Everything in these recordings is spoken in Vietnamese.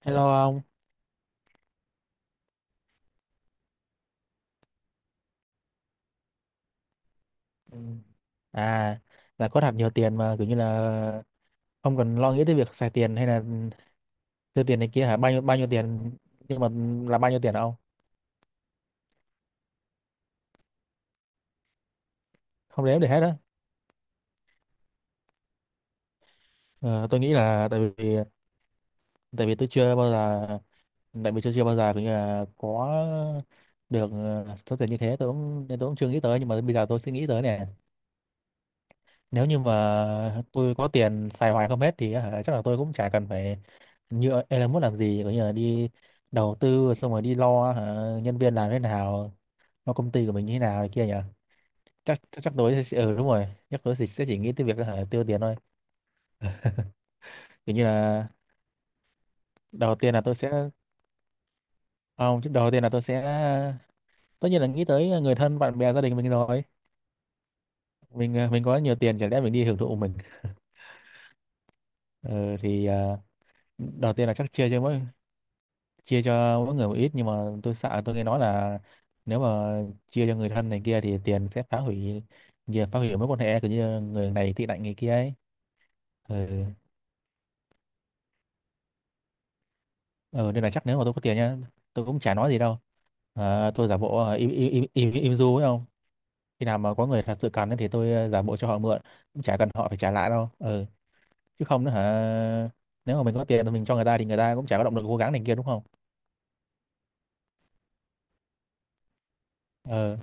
Hello ông. Ừ. À, là có thật nhiều tiền mà kiểu như là không cần lo nghĩ tới việc xài tiền hay là tiêu tiền này kia hả? Bao nhiêu tiền nhưng mà là bao nhiêu tiền hả ông? Không đếm được hết đó. Ờ, tôi nghĩ là tại vì tôi chưa bao giờ tại vì tôi chưa bao giờ kiểu như là có được số tiền như thế tôi cũng nên tôi cũng chưa nghĩ tới, nhưng mà bây giờ tôi sẽ nghĩ tới nè. Nếu như mà tôi có tiền xài hoài không hết thì hả, chắc là tôi cũng chả cần phải như Elon Musk, làm gì có nghĩa là đi đầu tư xong rồi đi lo hả, nhân viên làm thế nào, lo công ty của mình như thế nào này kia nhỉ. Chắc chắc, chắc tôi sẽ, ừ đúng rồi, chắc tôi sẽ chỉ nghĩ tới việc là hả, tiêu tiền thôi. Kiểu như là đầu tiên là tôi sẽ không, chứ đầu tiên là tôi sẽ tất nhiên là nghĩ tới người thân bạn bè gia đình mình rồi. Mình à, mình có nhiều tiền chả lẽ mình đi hưởng thụ mình. Ừ, thì đầu tiên là chắc chia cho mỗi người một ít, nhưng mà tôi sợ, tôi nghe nói là nếu mà chia cho người thân này kia thì tiền sẽ phá hủy nhiều, phá hủy mối quan hệ, kiểu như người này tị nạnh người kia ấy. Ừ. Ừ nên là chắc nếu mà tôi có tiền nhá, tôi cũng chả nói gì đâu. Ờ, tôi giả bộ im im im im, im du ấy không. Khi nào mà có người thật sự cần ấy thì tôi giả bộ cho họ mượn, cũng chả cần họ phải trả lại đâu. Ừ, chứ không nữa hả, nếu mà mình có tiền thì mình cho người ta, thì người ta cũng chả có động lực cố gắng này kia đúng không. Ừ.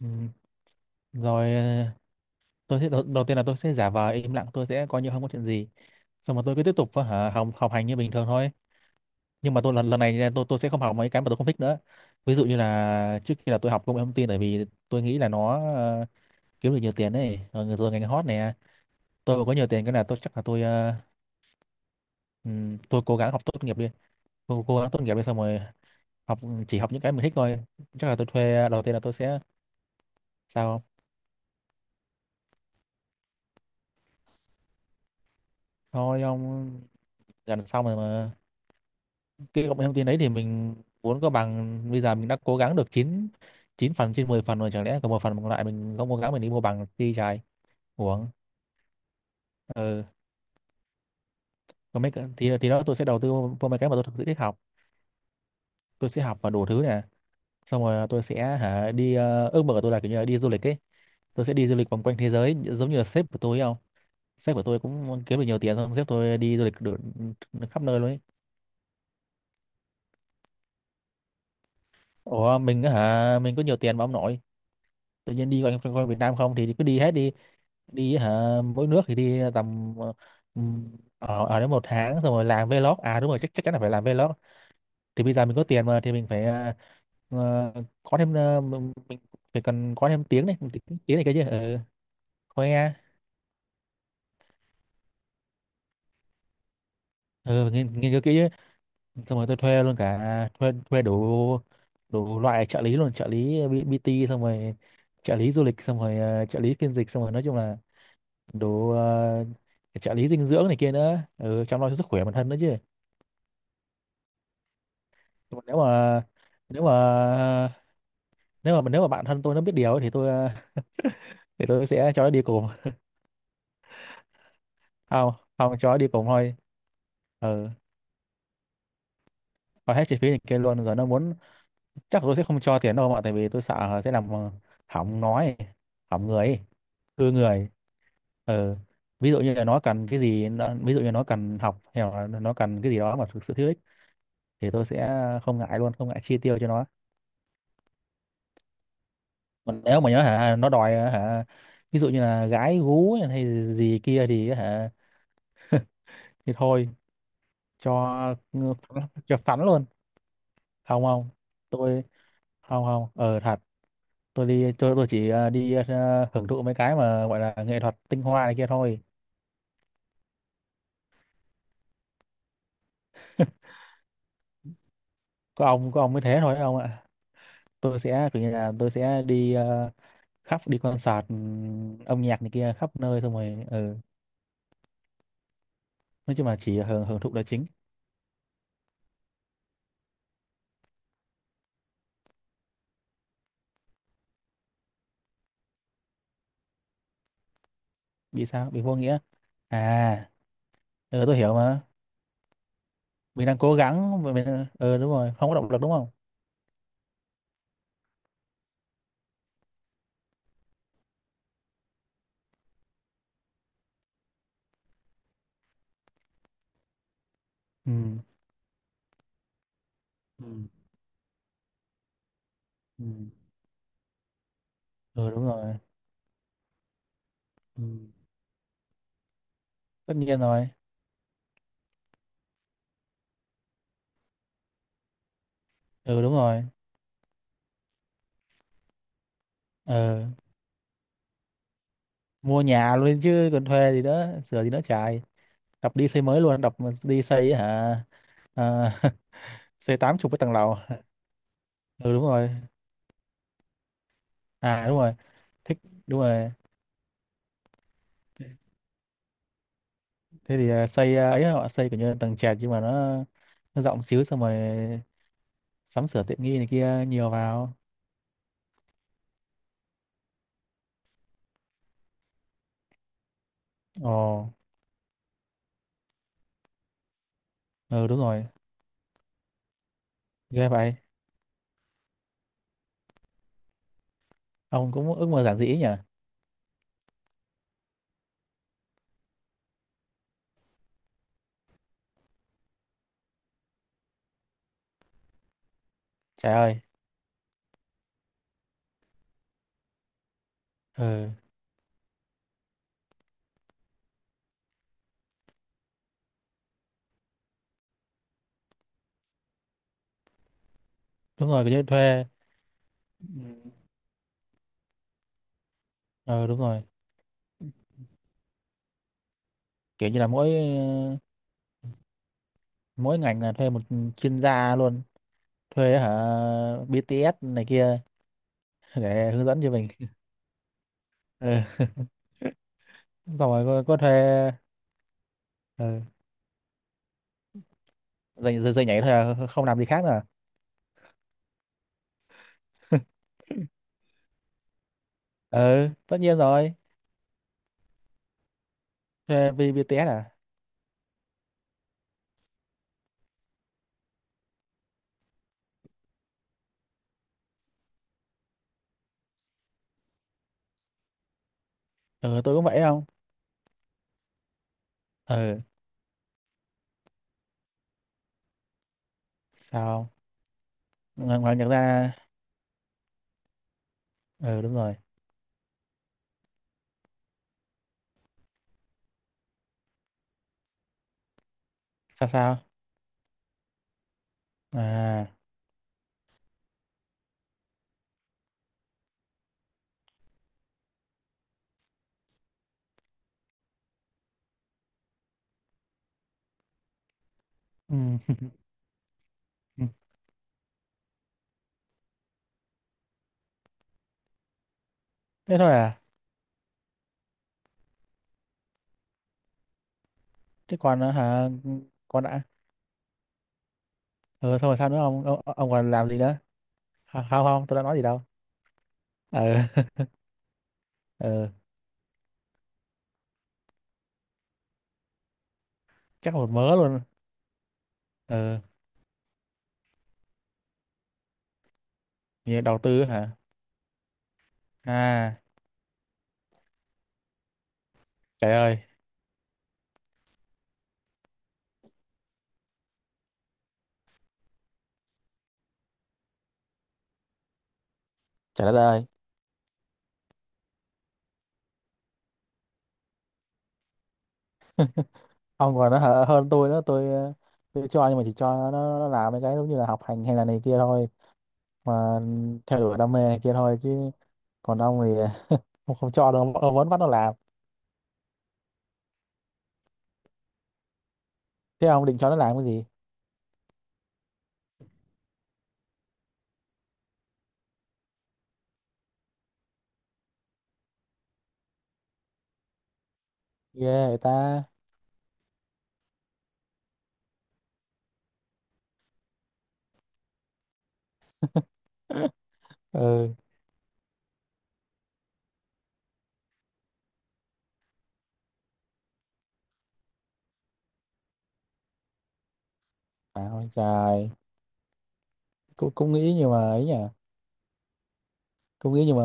Ừ. Rồi tôi sẽ đầu tiên là tôi sẽ giả vờ im lặng, tôi sẽ coi như không có chuyện gì, xong rồi tôi cứ tiếp tục học học hành như bình thường thôi. Nhưng mà tôi lần lần này nha, tôi sẽ không học mấy cái mà tôi không thích nữa. Ví dụ như là trước kia là tôi học công nghệ thông tin bởi vì tôi nghĩ là nó kiếm được nhiều tiền ấy, rồi ngành hot này. Tôi mà có nhiều tiền cái là tôi chắc là tôi tôi cố gắng học tốt nghiệp đi. Cố gắng tốt nghiệp đi xong rồi học, chỉ học những cái mình thích thôi. Chắc là tôi thuê, đầu tiên là tôi sẽ sao không? Thôi ông, gần xong rồi mà. Cái công nghệ thông tin đấy thì mình muốn có bằng, bây giờ mình đã cố gắng được 9 9 phần trên 10 phần rồi, chẳng lẽ còn một phần còn lại mình không cố gắng, mình đi mua bằng đi, trái uổng. Ừ, còn mấy thì đó tôi sẽ đầu tư vào mấy cái mà tôi thực sự thích học. Tôi sẽ học và đủ thứ nè. Xong rồi tôi sẽ hả đi, ước mơ của tôi là kiểu như là đi du lịch ấy. Tôi sẽ đi du lịch vòng quanh thế giới giống như là sếp của tôi ấy không. Sếp của tôi cũng kiếm được nhiều tiền, xong sếp tôi đi du lịch được khắp nơi luôn ấy. Ủa mình á hả, mình có nhiều tiền mà ông nội, tự nhiên đi quanh quanh quanh Việt Nam không thì cứ đi hết đi. Đi hả mỗi nước thì đi tầm, ừ, ở ở đến một tháng xong rồi làm vlog. À đúng rồi, chắc chắc chắn là phải làm vlog. Thì bây giờ mình có tiền mà thì mình phải ờ, có thêm, mình phải cần có thêm tiếng này tiếng này cái chứ. Ừ, khoe. Ừ, nghiên cứu kỹ chứ. Xong rồi tôi thuê luôn, cả thuê, đủ đủ loại trợ lý luôn. Trợ lý BT xong rồi trợ lý du lịch, xong rồi trợ lý phiên dịch, xong rồi nói chung là đủ, trợ lý dinh dưỡng này kia nữa, ừ, chăm lo cho sức khỏe bản thân nữa chứ. Nhưng mà nếu mà nếu mà bạn thân tôi nó biết điều ấy, thì tôi thì tôi sẽ cho nó đi cùng. Không không, cho nó đi cùng thôi. Ừ, và hết chi phí này kia luôn, rồi nó muốn. Chắc là tôi sẽ không cho tiền đâu, mà tại vì tôi sợ sẽ làm hỏng nói, hỏng người ấy, hư người. Ừ, ví dụ như là nó cần cái gì ví dụ như nó cần học hay là nó cần cái gì đó mà thực sự thiếu ích, thì tôi sẽ không ngại luôn, không ngại chi tiêu cho nó. Còn nếu mà nhớ hả nó đòi hả, ví dụ như là gái gú hay gì kia thì hả thì thôi, cho cho phắn luôn. Không không, tôi không không thật. Tôi đi, tôi chỉ đi hưởng thụ mấy cái mà gọi là nghệ thuật tinh hoa này kia thôi. Có ông, có ông mới thế thôi ông ạ. Tôi sẽ kiểu như là tôi sẽ đi khắp, đi concert âm nhạc này kia khắp nơi xong rồi ừ. Nói chung là chỉ hưởng hưởng thụ là chính. Bị sao, bị vô nghĩa? À ừ, tôi hiểu mà. Mình đang cố gắng mà mình, ừ, đúng rồi, không có động lực đúng không. Ừ. Ừ. Ừ, ừ đúng rồi. Ừ. Tất nhiên rồi. Ừ đúng rồi. Ừ. Mua nhà luôn chứ còn thuê gì đó sửa gì đó chạy, đập đi xây mới luôn, đập mà đi xây hả. À, xây tám chục cái tầng lầu. Ừ đúng rồi. À đúng rồi, thích, đúng rồi. Thế thì xây ấy họ xây kiểu như là tầng trệt, nhưng mà nó rộng xíu xong rồi sắm sửa tiện nghi này kia nhiều vào. Ồ. Ừ đúng rồi. Ghê vậy. Ông cũng ước mơ giản dĩ nhỉ. Trời ơi. Ừ đúng rồi, kiểu như thuê. Ừ. Ờ đúng rồi, kiểu như là mỗi mỗi ngành là thuê một chuyên gia luôn. Thuê hả, BTS này kia để hướng dẫn cho mình. Ừ. Xong rồi có thuê. Ừ. Dạy nhảy thôi à, không làm gì khác nữa à? Ừ tất nhiên rồi. Thuê vì BTS à. Ừ, tôi cũng vậy không. Ừ. Sao? Ngoài nhạc ra. Ừ đúng rồi. Sao sao? À. Ừ. Thế thôi à? Thế còn hả, còn đã? Ừ xong rồi sao nữa không ông, ông còn làm gì nữa. Không không, tôi đã nói gì đâu. Ừ. Ừ, chắc một mớ luôn. Ừ. Như đầu tư hả? À, trời ơi, trời đất ơi. Ông còn nó hở hơn tôi nữa, tôi tôi cho nhưng mà chỉ cho nó làm mấy cái giống như là học hành hay là này kia thôi, mà theo đuổi đam mê này kia thôi chứ. Còn ông thì không, không cho đâu, ông vẫn bắt nó làm. Thế ông định cho nó làm cái gì? Ghê người ta. Ừ, à, ôi trời, cũng cũng nghĩ nhưng mà ấy nhỉ, cũng nghĩ nhưng mà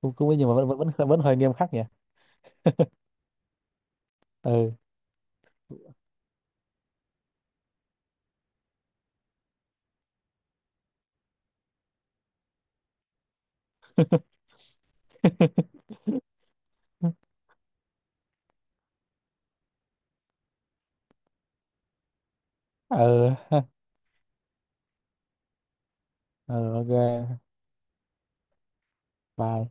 cũng cũng nghĩ nhưng mà vẫn hơi nghiêm khắc nhỉ. Ừ. Ừ. Ừ ok, bye.